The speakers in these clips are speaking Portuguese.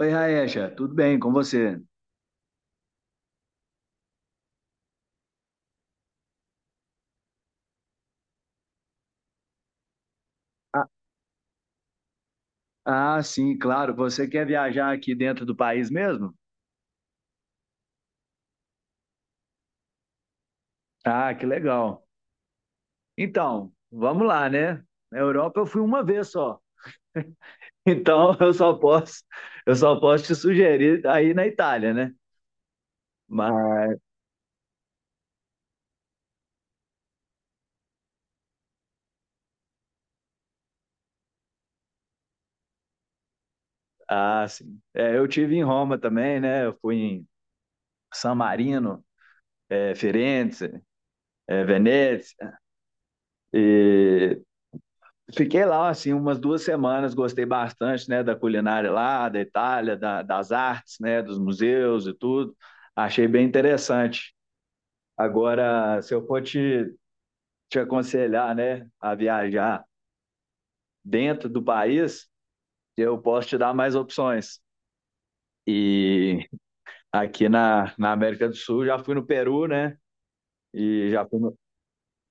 Oi, Raecha, tudo bem com você? Ah, ah, sim, claro. Você quer viajar aqui dentro do país mesmo? Ah, que legal. Então, vamos lá, né? Na Europa eu fui uma vez só. Então, eu só posso te sugerir aí na Itália, né? Mas, ah, sim. É, eu tive em Roma também, né? Eu fui em San Marino, Firenze, Veneza. E Fiquei lá, assim, umas 2 semanas, gostei bastante, né, da culinária lá, da Itália, das artes, né, dos museus e tudo. Achei bem interessante. Agora, se eu for te aconselhar, né, a viajar dentro do país, eu posso te dar mais opções. E aqui na América do Sul, já fui no Peru, né, e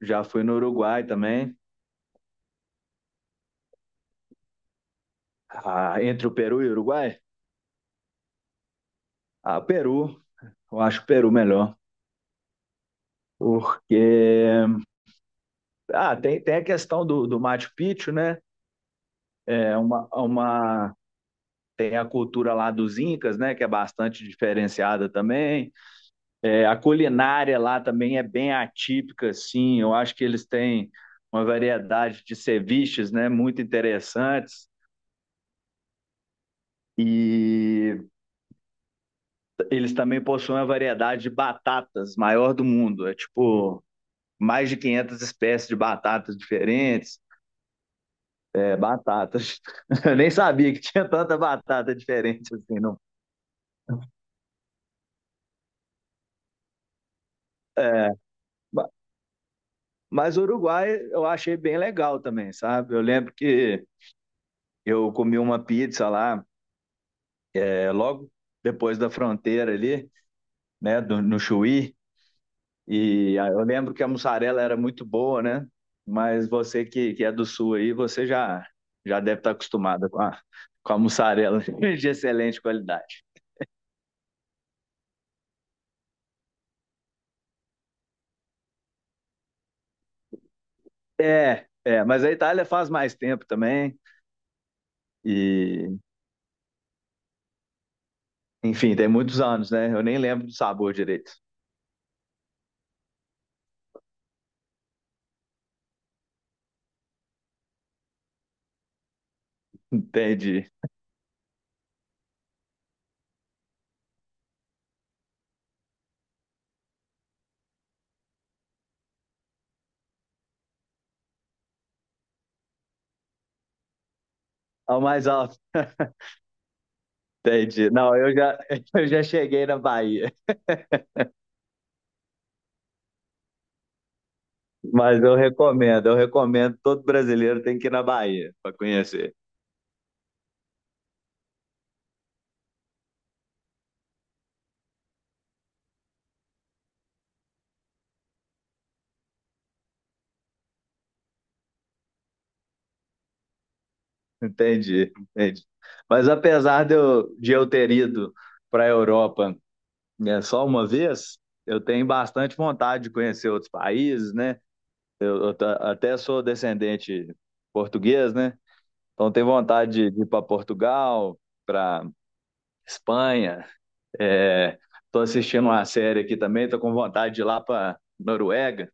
já fui no Uruguai também. Ah, entre o Peru e o Uruguai? Ah, Peru. Eu acho o Peru melhor, porque tem a questão do Machu Picchu, né? É uma, uma, Tem a cultura lá dos Incas, né? Que é bastante diferenciada também. É, a culinária lá também é bem atípica, assim. Eu acho que eles têm uma variedade de ceviches, né? Muito interessantes. E eles também possuem uma variedade de batatas maior do mundo. É tipo mais de 500 espécies de batatas diferentes. É, batatas. Eu nem sabia que tinha tanta batata diferente assim não. Ma- Mas o Uruguai eu achei bem legal também, sabe? Eu lembro que eu comi uma pizza lá, logo depois da fronteira ali, né, no Chuí, e eu lembro que a mussarela era muito boa, né? Mas você que é do sul aí, você já deve estar acostumada com a mussarela de excelente qualidade. É, mas a Itália faz mais tempo também, e enfim, tem muitos anos, né? Eu nem lembro do sabor direito. Entendi. Ao mais alto. Entendi. Não, eu já, eu já cheguei na Bahia, mas eu recomendo, todo brasileiro tem que ir na Bahia para conhecer. Entendi, entendi. Mas apesar de eu ter ido para a Europa, né, só uma vez, eu tenho bastante vontade de conhecer outros países, né? Eu, até sou descendente português, né? Então tenho vontade de ir para Portugal, para Espanha. Estou é, assistindo uma série aqui também, estou com vontade de ir lá para Noruega.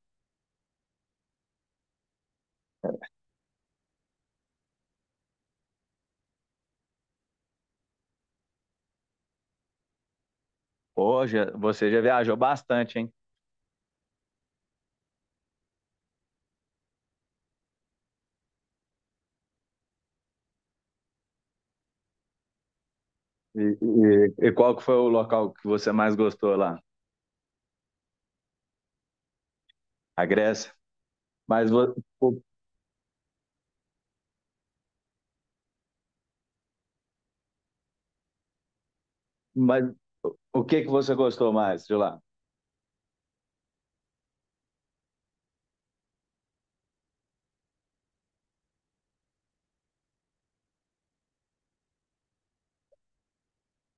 Hoje você já viajou bastante, hein? E, e qual que foi o local que você mais gostou lá? A Grécia? Mas, vo- o- mas o que que você gostou mais de lá?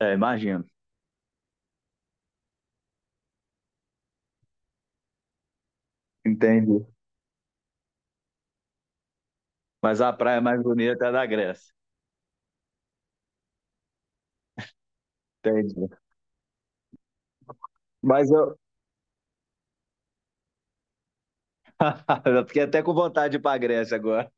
É, imagino. Entendi. Mas a praia mais bonita é a da Grécia. Entendi. Mas eu, eu fiquei até com vontade de ir para a Grécia agora.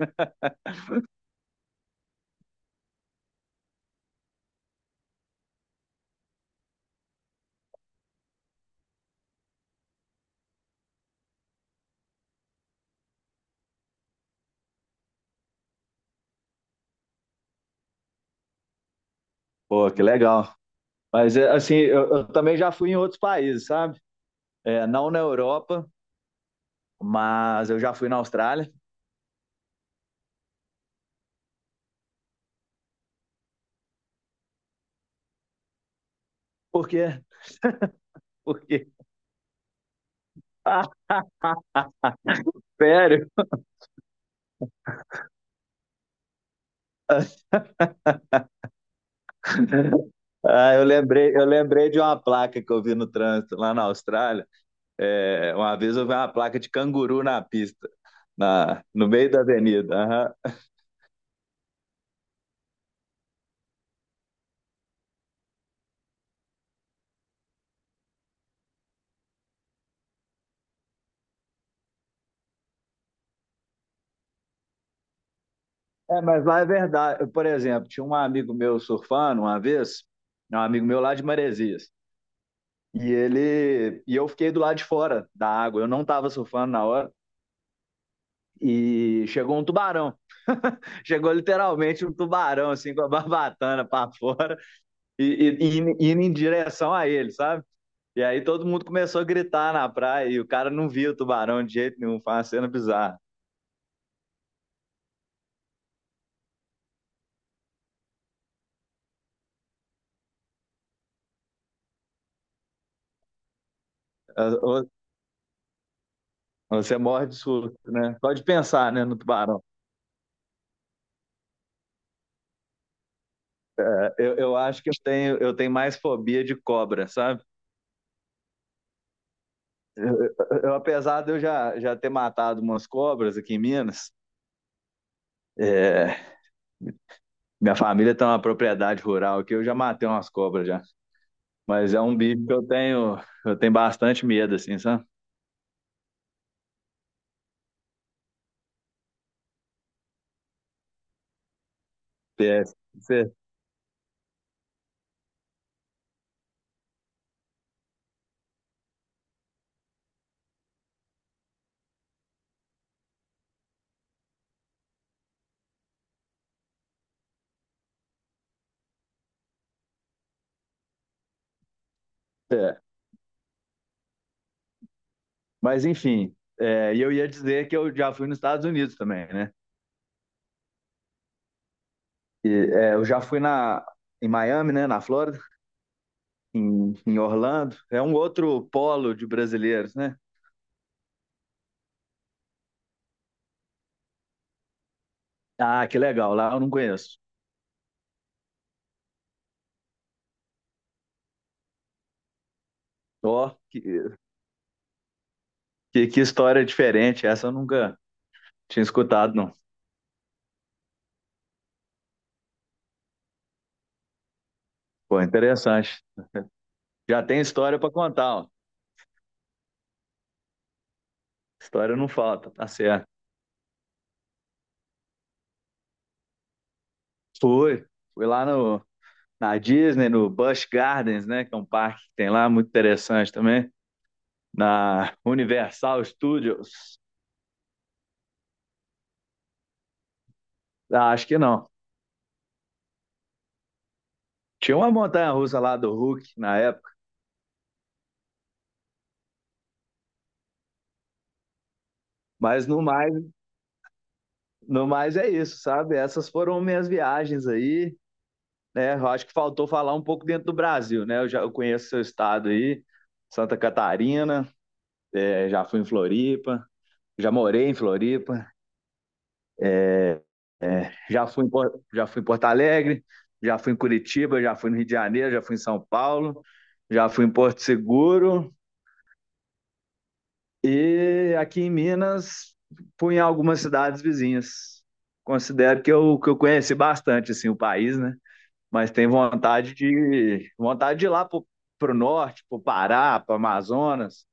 Pô, que legal. Mas é, assim, eu também já fui em outros países, sabe? É, não na Europa, mas eu já fui na Austrália. Por quê? Porque. Ah, sério? Ah, eu lembrei de uma placa que eu vi no trânsito lá na Austrália. É, uma vez eu vi uma placa de canguru na pista, no meio da avenida. Aham. É, mas lá é verdade. Por exemplo, tinha um amigo meu surfando uma vez, um amigo meu lá de Maresias. E ele e eu fiquei do lado de fora da água. Eu não estava surfando na hora. E chegou um tubarão. Chegou literalmente um tubarão, assim, com a barbatana para fora e, indo em direção a ele, sabe? E aí todo mundo começou a gritar na praia e o cara não via o tubarão de jeito nenhum, foi uma cena bizarra. Você morre de susto, né? Pode pensar, né, no tubarão. Eu acho que eu tenho mais fobia de cobra, sabe? Eu, apesar de eu já ter matado umas cobras aqui em Minas, é, minha família tem uma propriedade rural que eu já matei umas cobras já. Mas é um bicho que eu tenho bastante medo, assim, sabe? É, cê- é. Mas enfim, e eu ia dizer que eu já fui nos Estados Unidos também, né? Eu já fui em Miami, né? Na Flórida, em Orlando. É um outro polo de brasileiros, né? Ah, que legal, lá eu não conheço. Ó, que história diferente, essa eu nunca tinha escutado, não. Pô, interessante. Já tem história para contar, ó. História não falta, tá certo. Fui, fui lá na Disney, no Busch Gardens, né, que é um parque que tem lá, muito interessante também, na Universal Studios. Ah, acho que não. Tinha uma montanha russa lá do Hulk na época, mas no mais é isso, sabe? Essas foram minhas viagens aí, né? Eu acho que faltou falar um pouco dentro do Brasil, né? Eu conheço seu estado aí, Santa Catarina, eh, já fui em Floripa, já morei em Floripa, eh, já fui em Porto Alegre, já fui em Curitiba, já fui no Rio de Janeiro, já fui em São Paulo, já fui em Porto Seguro e aqui em Minas fui em algumas cidades vizinhas. Considero que eu conheci bastante assim o país, né? Mas tenho vontade de ir lá pro, pro norte, pro Pará, pro Amazonas,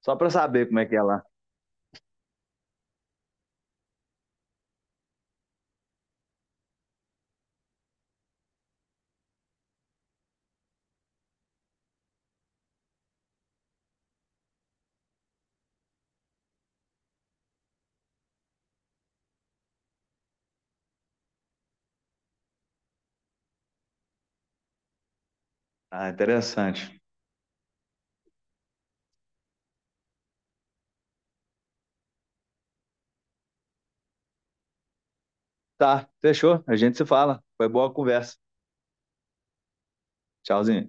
só para saber como é que é lá. Ah, interessante. Tá, fechou. A gente se fala. Foi boa a conversa. Tchauzinho.